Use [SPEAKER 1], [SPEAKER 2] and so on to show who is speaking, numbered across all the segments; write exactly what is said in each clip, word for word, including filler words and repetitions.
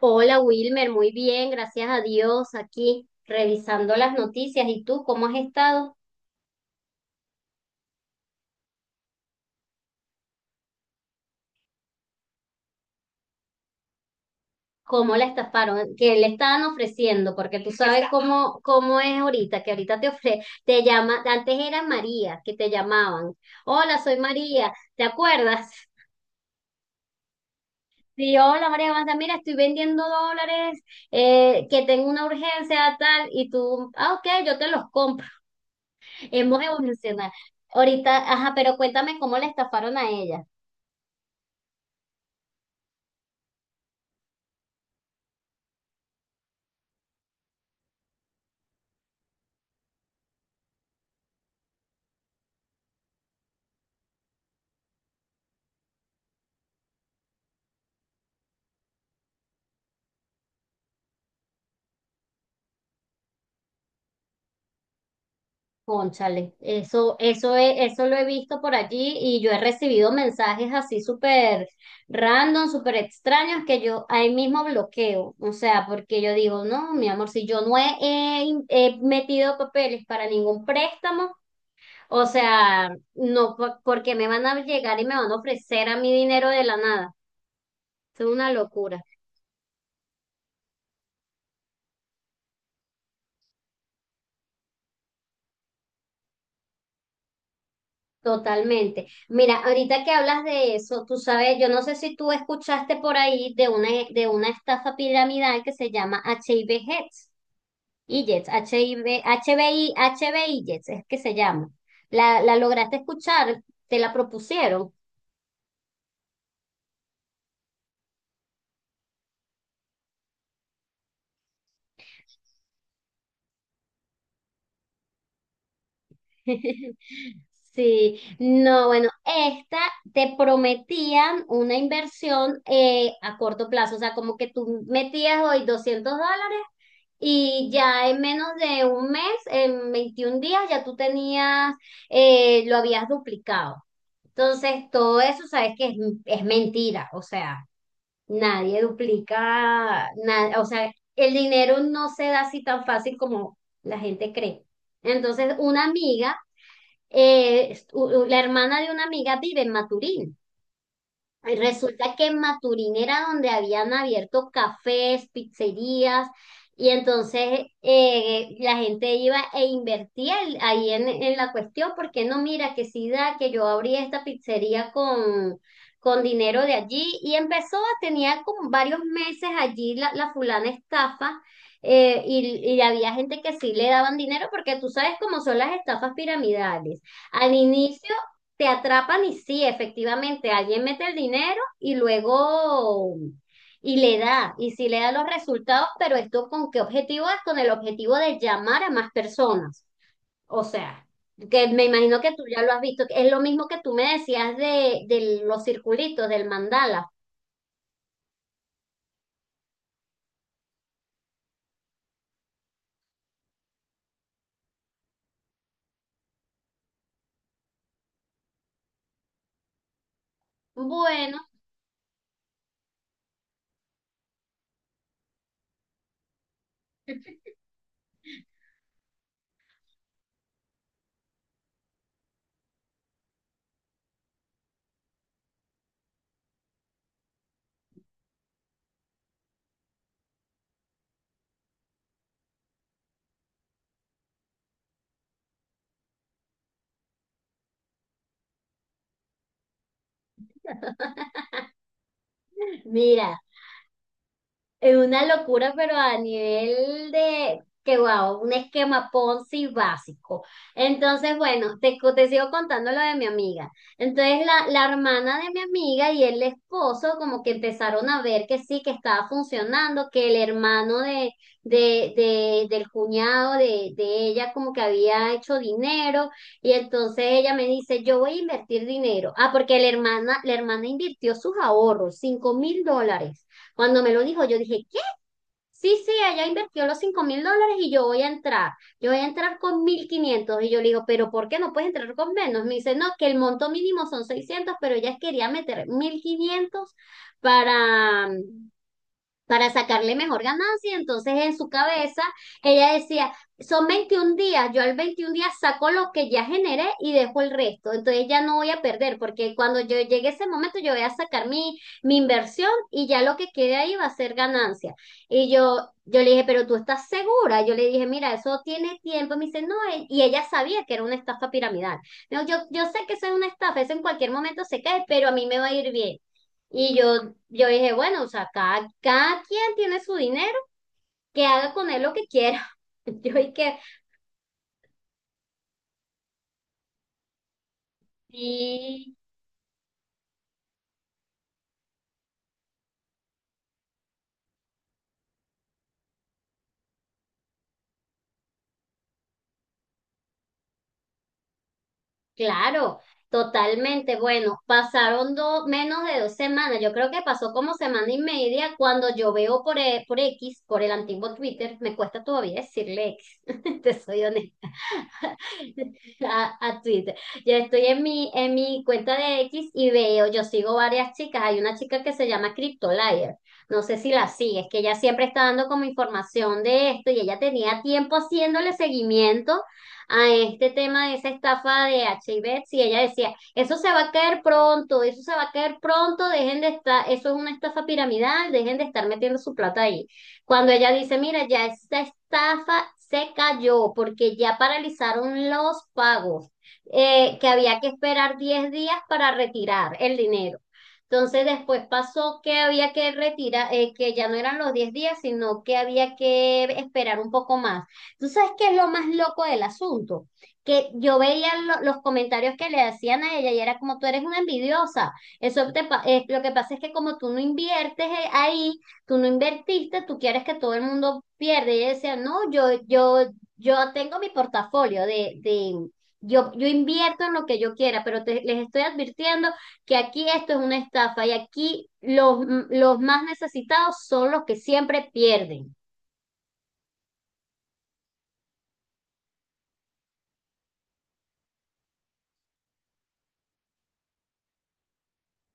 [SPEAKER 1] Hola Wilmer, muy bien, gracias a Dios, aquí revisando las noticias. ¿Y tú cómo has estado? ¿Cómo la estafaron? ¿Qué le estaban ofreciendo? Porque tú sabes cómo, cómo es ahorita, que ahorita te ofre, te llama, antes era María, que te llamaban. Hola, soy María, ¿te acuerdas? Sí, hola María, ¿cómo estás? Mira, estoy vendiendo dólares, eh, que tengo una urgencia tal, y tú, ah, ok, yo te los compro. Hemos evolucionado. Ahorita, ajá, pero cuéntame cómo la estafaron a ella. Cónchale, eso, eso he- eso lo he visto por allí y yo he recibido mensajes así súper random, súper extraños que yo ahí mismo bloqueo. O sea, porque yo digo, no, mi amor, si yo no he, he in- he metido papeles para ningún préstamo. O sea, no, po- ¿porque me van a llegar y me van a ofrecer a mi dinero de la nada? Es una locura. Totalmente. Mira, ahorita que hablas de eso, tú sabes, yo no sé si tú escuchaste por ahí de una, de una estafa piramidal que se llama H I V Heads, y Jets, I I H H V, B I, H B I Jets, es que se llama. La, la lograste escuchar, te la propusieron? Sí, no, bueno, esta te prometían una inversión eh, a corto plazo, o sea, como que tú metías hoy doscientos dólares. Y ya en menos de un mes, en veintiún días, ya tú tenías, eh, lo habías duplicado. Entonces, todo eso sabes que es, es mentira. O sea, nadie duplica nada. O sea, el dinero no se da así tan fácil como la gente cree. Entonces, una amiga, eh, u- u- la hermana de una amiga vive en Maturín. Y resulta que en Maturín era donde habían abierto cafés, pizzerías, y entonces eh, la gente iba e invertía el- ahí en, en la cuestión, porque no, mira, que sí da, que yo abrí esta pizzería con, con dinero de allí, y empezó, tenía como varios meses allí la, la fulana estafa, eh, y, y había gente que sí le daban dinero, porque tú sabes cómo son las estafas piramidales. Al inicio te atrapan y sí, efectivamente, alguien mete el dinero y luego y le da, y sí le da los resultados, pero ¿esto con qué objetivo es? Con el objetivo de llamar a más personas. O sea, que me imagino que tú ya lo has visto, que es lo mismo que tú me decías de, de los circulitos, del mandala. Bueno, mira. Es una locura, pero a nivel de que wow, un esquema Ponzi básico. Entonces, bueno, te, co- te sigo contando lo de mi amiga. Entonces, la, la hermana de mi amiga y el esposo como que empezaron a ver que sí, que estaba funcionando, que el hermano de, de, de- del cuñado de, de ella como que había hecho dinero y entonces ella me dice, yo voy a invertir dinero. Ah, porque la hermana, la hermana invirtió sus ahorros, cinco mil dólares. Cuando me lo dijo, yo dije, ¿qué? Sí, sí, ella invirtió los cinco mil dólares y yo voy a entrar. Yo voy a entrar con mil quinientos. Y yo le digo, ¿pero por qué no puedes entrar con menos? Me dice, no, que el monto mínimo son seiscientos, pero ella quería meter mil quinientos para, para sacarle mejor ganancia. Entonces, en su cabeza, ella decía, son veintiún días, yo al veintiún días saco lo que ya generé y dejo el resto. Entonces, ya no voy a perder, porque cuando yo llegue ese momento, yo voy a sacar mi, mi inversión y ya lo que quede ahí va a ser ganancia. Y yo, yo le dije, pero ¿tú estás segura? Yo le dije, mira, eso tiene tiempo. Me dice, no, e- y ella sabía que era una estafa piramidal. Me yo, yo sé que eso es una estafa, eso en cualquier momento se cae, pero a mí me va a ir bien. Y yo, yo dije, bueno, o sea, cada, cada quien tiene su dinero, que haga con él lo que quiera. Yo dije, sí, claro, totalmente. Bueno, pasaron do- menos de dos semanas. Yo creo que pasó como semana y media cuando yo veo por, e- por X, por el antiguo Twitter, me cuesta todavía decirle X, te soy honesta, a, a Twitter. Yo estoy en mi, en mi cuenta de X y veo, yo sigo varias chicas. Hay una chica que se llama CryptoLayer. No sé si la sigues, que ella siempre está dando como información de esto y ella tenía tiempo haciéndole seguimiento a este tema de esa estafa de H I V, y ella decía, eso se va a caer pronto, eso se va a caer pronto, dejen de estar, eso es una estafa piramidal, dejen de estar metiendo su plata ahí. Cuando ella dice, mira, ya esta estafa se cayó porque ya paralizaron los pagos, eh, que había que esperar diez días para retirar el dinero. Entonces después pasó que había que retirar, eh, que ya no eran los diez días, sino que había que esperar un poco más. ¿Tú sabes qué es lo más loco del asunto? Que yo veía lo- los comentarios que le hacían a ella y era como tú eres una envidiosa. Eso te pa- eh, lo que pasa es que como tú no inviertes eh, ahí, tú no invertiste, tú quieres que todo el mundo pierda. Y ella decía, no, yo, yo, yo tengo mi portafolio de, de yo, yo invierto en lo que yo quiera, pero te- les estoy advirtiendo que aquí esto es una estafa y aquí los, los más necesitados son los que siempre pierden.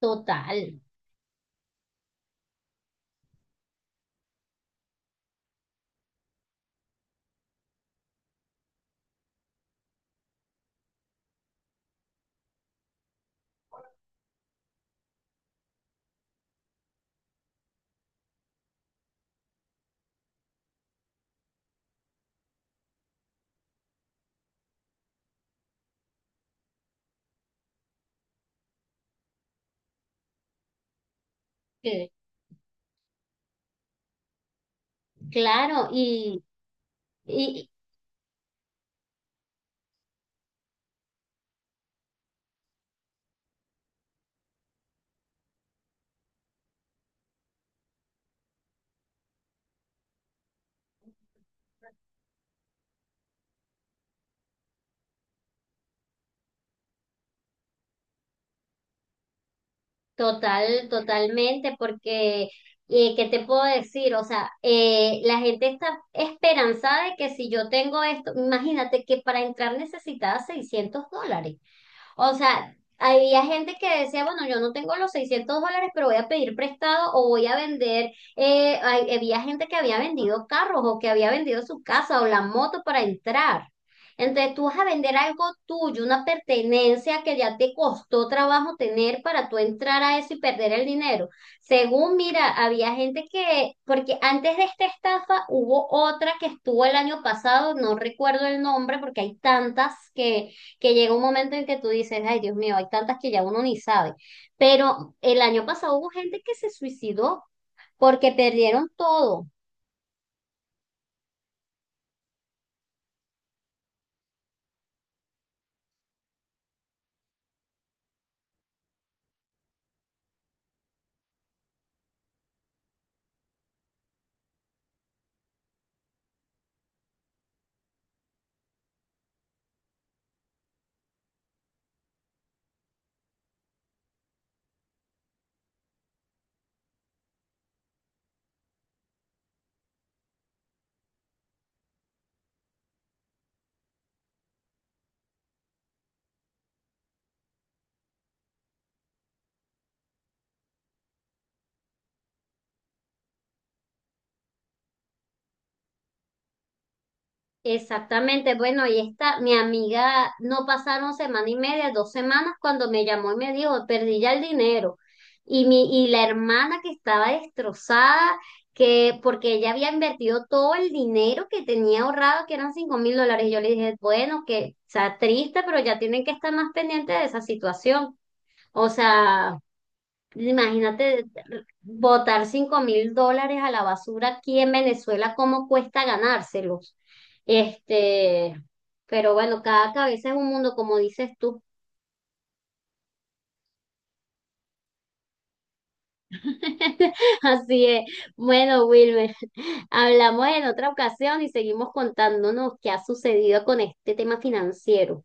[SPEAKER 1] Total. Claro, y, y total, totalmente, porque eh, ¿qué te puedo decir? O sea, eh, la gente está esperanzada de que si yo tengo esto, imagínate que para entrar necesitaba seiscientos dólares. O sea, había gente que decía, bueno, yo no tengo los seiscientos dólares, pero voy a pedir prestado o voy a vender. Eh, hay- había gente que había vendido carros o que había vendido su casa o la moto para entrar. Entonces tú vas a vender algo tuyo, una pertenencia que ya te costó trabajo tener para tú entrar a eso y perder el dinero. Según, mira, había gente que, porque antes de esta estafa hubo otra que estuvo el año pasado, no recuerdo el nombre porque hay tantas que llega un momento en que tú dices, ay Dios mío, hay tantas que ya uno ni sabe. Pero el año pasado hubo gente que se suicidó porque perdieron todo. Exactamente, bueno, y esta, mi amiga, no pasaron semana y media, dos semanas, cuando me llamó y me dijo, perdí ya el dinero. Y mi, y la hermana que estaba destrozada, que, porque ella había invertido todo el dinero que tenía ahorrado, que eran cinco mil dólares, y yo le dije, bueno, que, o sea, triste, pero ya tienen que estar más pendientes de esa situación. O sea, imagínate botar cinco mil dólares a la basura aquí en Venezuela, cómo cuesta ganárselos. Este, pero bueno, cada cabeza es un mundo, como dices tú. Así es. Bueno, Wilmer, hablamos en otra ocasión y seguimos contándonos qué ha sucedido con este tema financiero.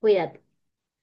[SPEAKER 1] Cuídate.